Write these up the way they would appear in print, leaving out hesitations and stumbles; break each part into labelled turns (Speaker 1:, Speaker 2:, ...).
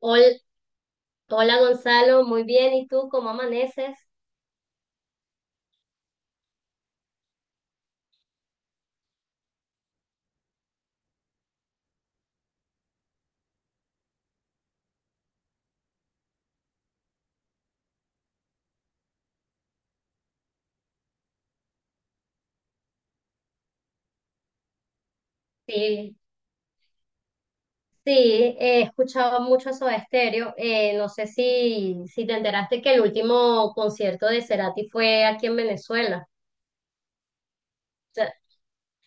Speaker 1: Hol- Hola Gonzalo, muy bien. ¿Y tú cómo amaneces? Sí, sí, he escuchado mucho Soda Stereo. No sé si te enteraste que el último concierto de Cerati fue aquí en Venezuela. O sea,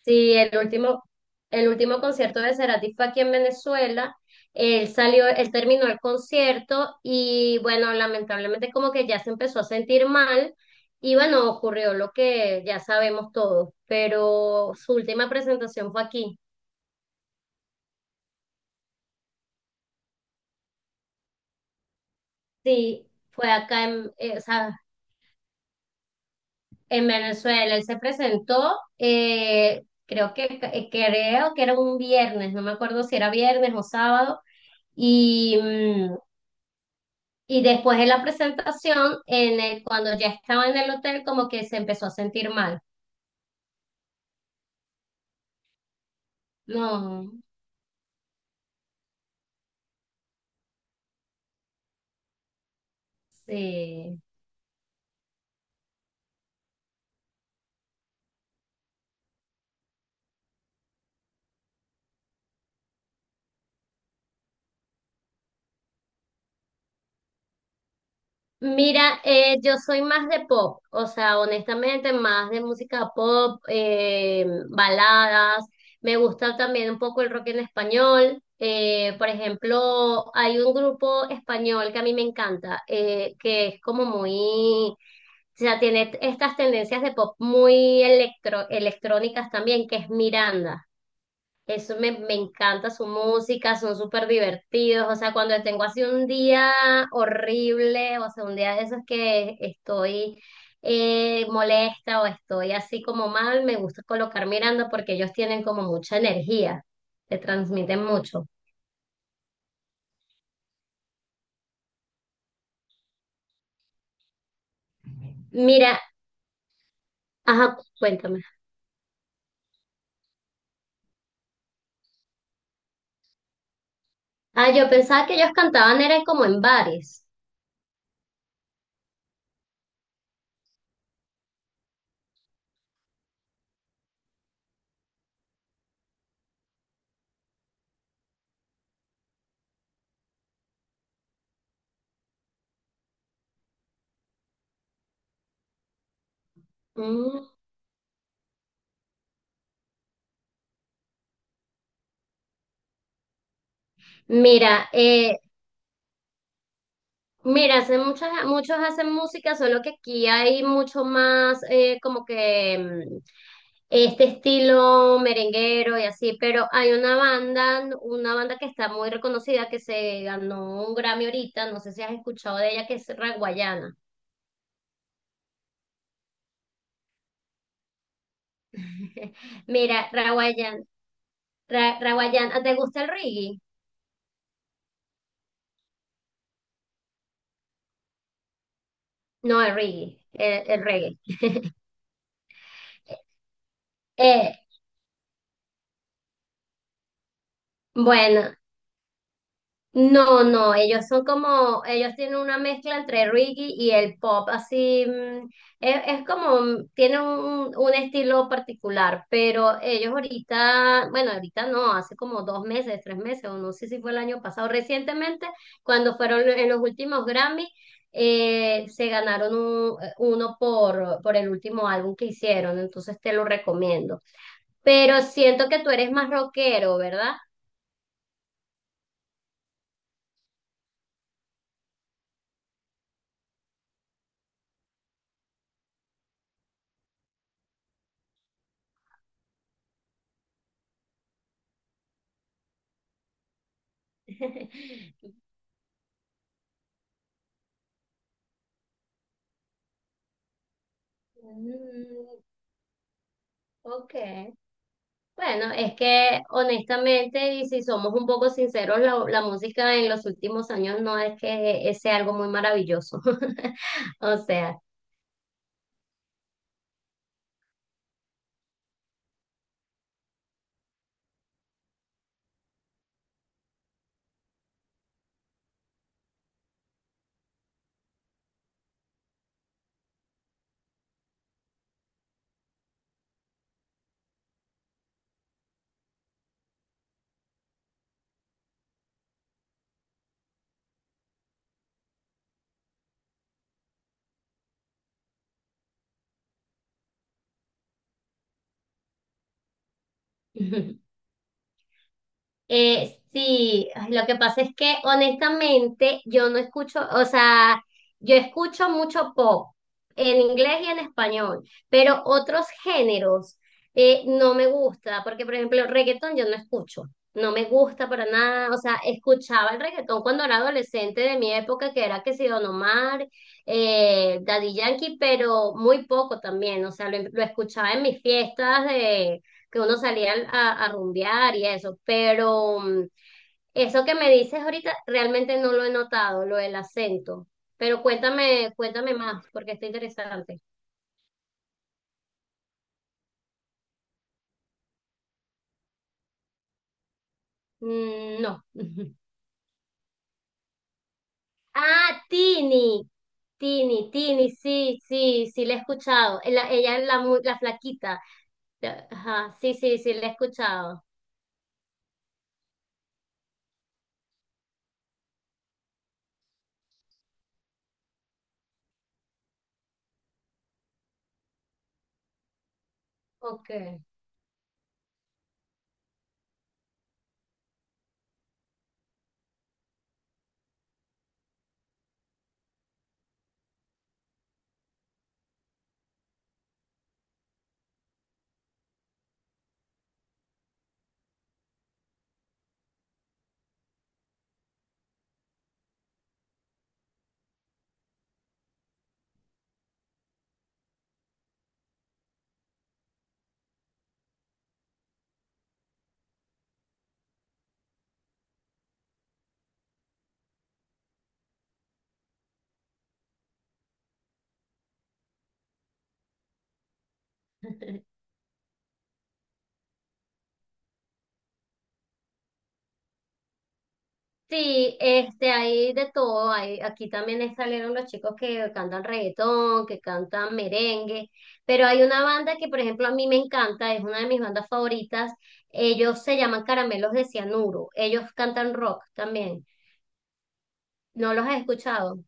Speaker 1: sí, el último concierto de Cerati fue aquí en Venezuela. Él salió, él terminó el concierto y bueno, lamentablemente como que ya se empezó a sentir mal. Y bueno, ocurrió lo que ya sabemos todos, pero su última presentación fue aquí. Sí, fue acá en, o sea, en Venezuela. Él se presentó, creo que era un viernes, no me acuerdo si era viernes o sábado. Y, mm, y después de la presentación, cuando ya estaba en el hotel, como que se empezó a sentir mal. No, sí. Mira, yo soy más de pop, o sea, honestamente, más de música pop, baladas. Me gusta también un poco el rock en español. Por ejemplo, hay un grupo español que a mí me encanta, que es como muy, o sea, tiene estas tendencias de pop muy electro, electrónicas también, que es Miranda. Eso me encanta su música, son súper divertidos. O sea, cuando tengo así un día horrible, o sea, un día de esos que estoy molesta o estoy así como mal, me gusta colocar mirando porque ellos tienen como mucha energía, te transmiten mucho. Mira, ajá, cuéntame. Ah, yo pensaba que ellos cantaban, eran como en bares. Mm. Mira, eh, mira, muchos hacen música, solo que aquí hay mucho más como que este estilo merenguero y así, pero hay una banda que está muy reconocida que se ganó un Grammy ahorita, no sé si has escuchado de ella, que es Raguayana. Mira, Raguayana, Raguayana, ¿te gusta el reggae? No, el reggae, el reggae. Eh, bueno, no, no, ellos son como, ellos tienen una mezcla entre reggae y el pop, así, es como, tienen un estilo particular, pero ellos ahorita, bueno, ahorita no, hace como dos meses, tres meses, o no sé si fue el año pasado, recientemente, cuando fueron en los últimos Grammy, se ganaron uno por el último álbum que hicieron, entonces te lo recomiendo. Pero siento que tú eres más rockero, ¿verdad? Mm. Ok. Bueno, es que honestamente, y si somos un poco sinceros, la música en los últimos años no es que sea algo muy maravilloso. O sea. Sí, ay, lo que pasa es que honestamente yo no escucho, o sea, yo escucho mucho pop en inglés y en español, pero otros géneros no me gusta, porque por ejemplo reggaetón yo no escucho, no me gusta para nada. O sea, escuchaba el reggaetón cuando era adolescente de mi época, que era que si Don Omar, Daddy Yankee, pero muy poco también. O sea, lo escuchaba en mis fiestas de que uno salía a rumbear y eso, pero eso que me dices ahorita realmente no lo he notado, lo del acento, pero cuéntame, cuéntame más, porque está interesante. Mm, no. Ah, Tini, sí, sí, sí, la he escuchado. Ella es la flaquita. Ajá, sí, sí, sí, la he escuchado. Ok. Sí, este, hay de todo. Hay, aquí también salieron los chicos que cantan reggaetón, que cantan merengue, pero hay una banda que, por ejemplo, a mí me encanta, es una de mis bandas favoritas. Ellos se llaman Caramelos de Cianuro. Ellos cantan rock también. ¿No los has escuchado?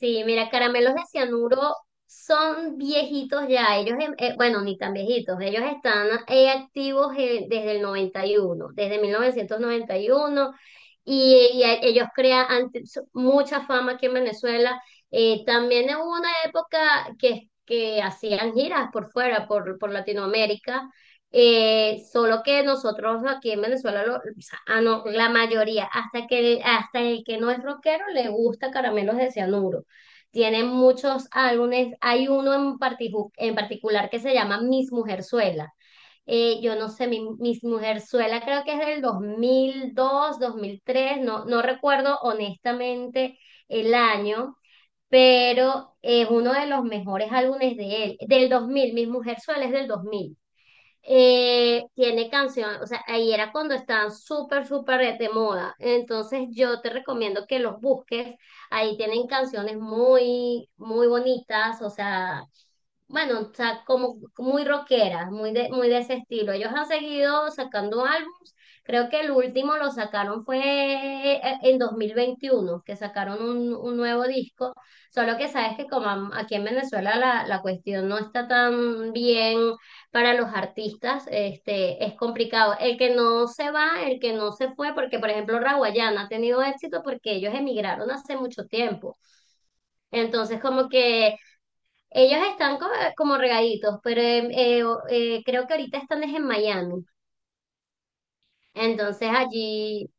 Speaker 1: Sí, mira, Caramelos de Cianuro son viejitos ya. Ellos, bueno, ni tan viejitos. Ellos están activos desde el 91, desde 1991 y ellos crean mucha fama aquí en Venezuela. También hubo una época que hacían giras por fuera, por Latinoamérica. Solo que nosotros aquí en Venezuela, ah, no, la mayoría, hasta el que no es rockero le gusta Caramelos de Cianuro. Tiene muchos álbumes, hay uno en particular que se llama Mis Mujerzuela. Yo no sé, Mis Mujerzuela creo que es del dos mil tres. No, no recuerdo honestamente el año, pero es uno de los mejores álbumes de él, del 2000. Mis Mujerzuela es del 2000, tiene canción, o sea, ahí era cuando estaban súper, súper de moda. Entonces yo te recomiendo que los busques. Ahí tienen canciones muy, muy bonitas, o sea, bueno, o sea, como muy rockera, muy de ese estilo. Ellos han seguido sacando álbums. Creo que el último lo sacaron fue en 2021, que sacaron un nuevo disco. Solo que sabes que como aquí en Venezuela la cuestión no está tan bien para los artistas, este, es complicado. El que no se va, el que no se fue, porque por ejemplo Raguayana ha tenido éxito porque ellos emigraron hace mucho tiempo. Entonces, como que ellos están como, como regaditos, pero creo que ahorita están es en Miami. Entonces allí,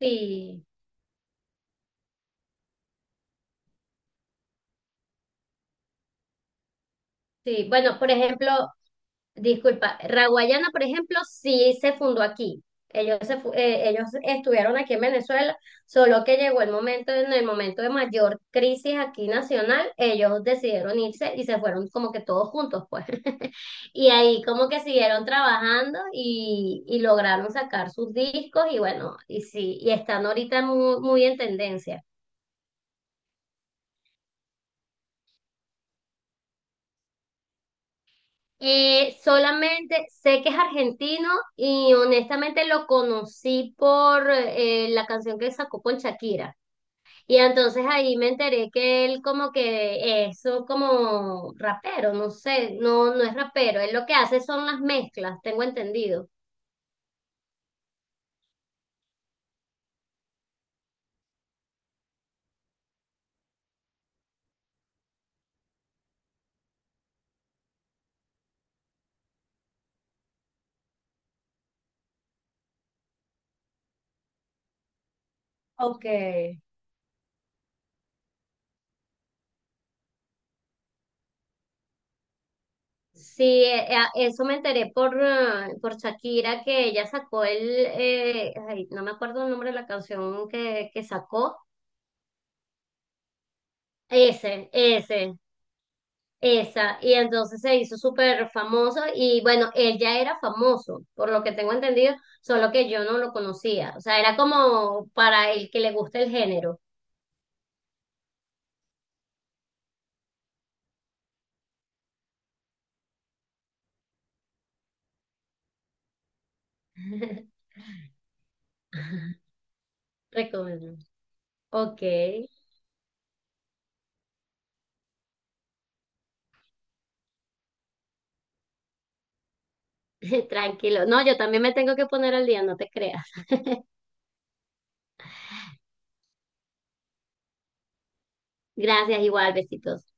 Speaker 1: sí, sí. Bueno, por ejemplo, disculpa, Raguayana, por ejemplo, sí se fundó aquí. Ellos, ellos estuvieron aquí en Venezuela, solo que llegó el momento, en el momento de mayor crisis aquí nacional, ellos decidieron irse y se fueron como que todos juntos, pues. Y ahí como que siguieron trabajando y lograron sacar sus discos y bueno, y sí, y están ahorita muy, muy en tendencia. Solamente sé que es argentino y honestamente lo conocí por la canción que sacó con Shakira. Y entonces ahí me enteré que él como que es un como rapero. No sé, no, no es rapero, él lo que hace son las mezclas, tengo entendido. Ok. Sí, eso me enteré por Shakira, que ella sacó el, ay, no me acuerdo el nombre de la canción que sacó. Ese, ese. Esa. Y entonces se hizo súper famoso y bueno, él ya era famoso, por lo que tengo entendido, solo que yo no lo conocía, o sea, era como para el que le gusta el género. Recomiendo. Ok, tranquilo. No, yo también me tengo que poner al día, no te creas. Gracias, igual, besitos.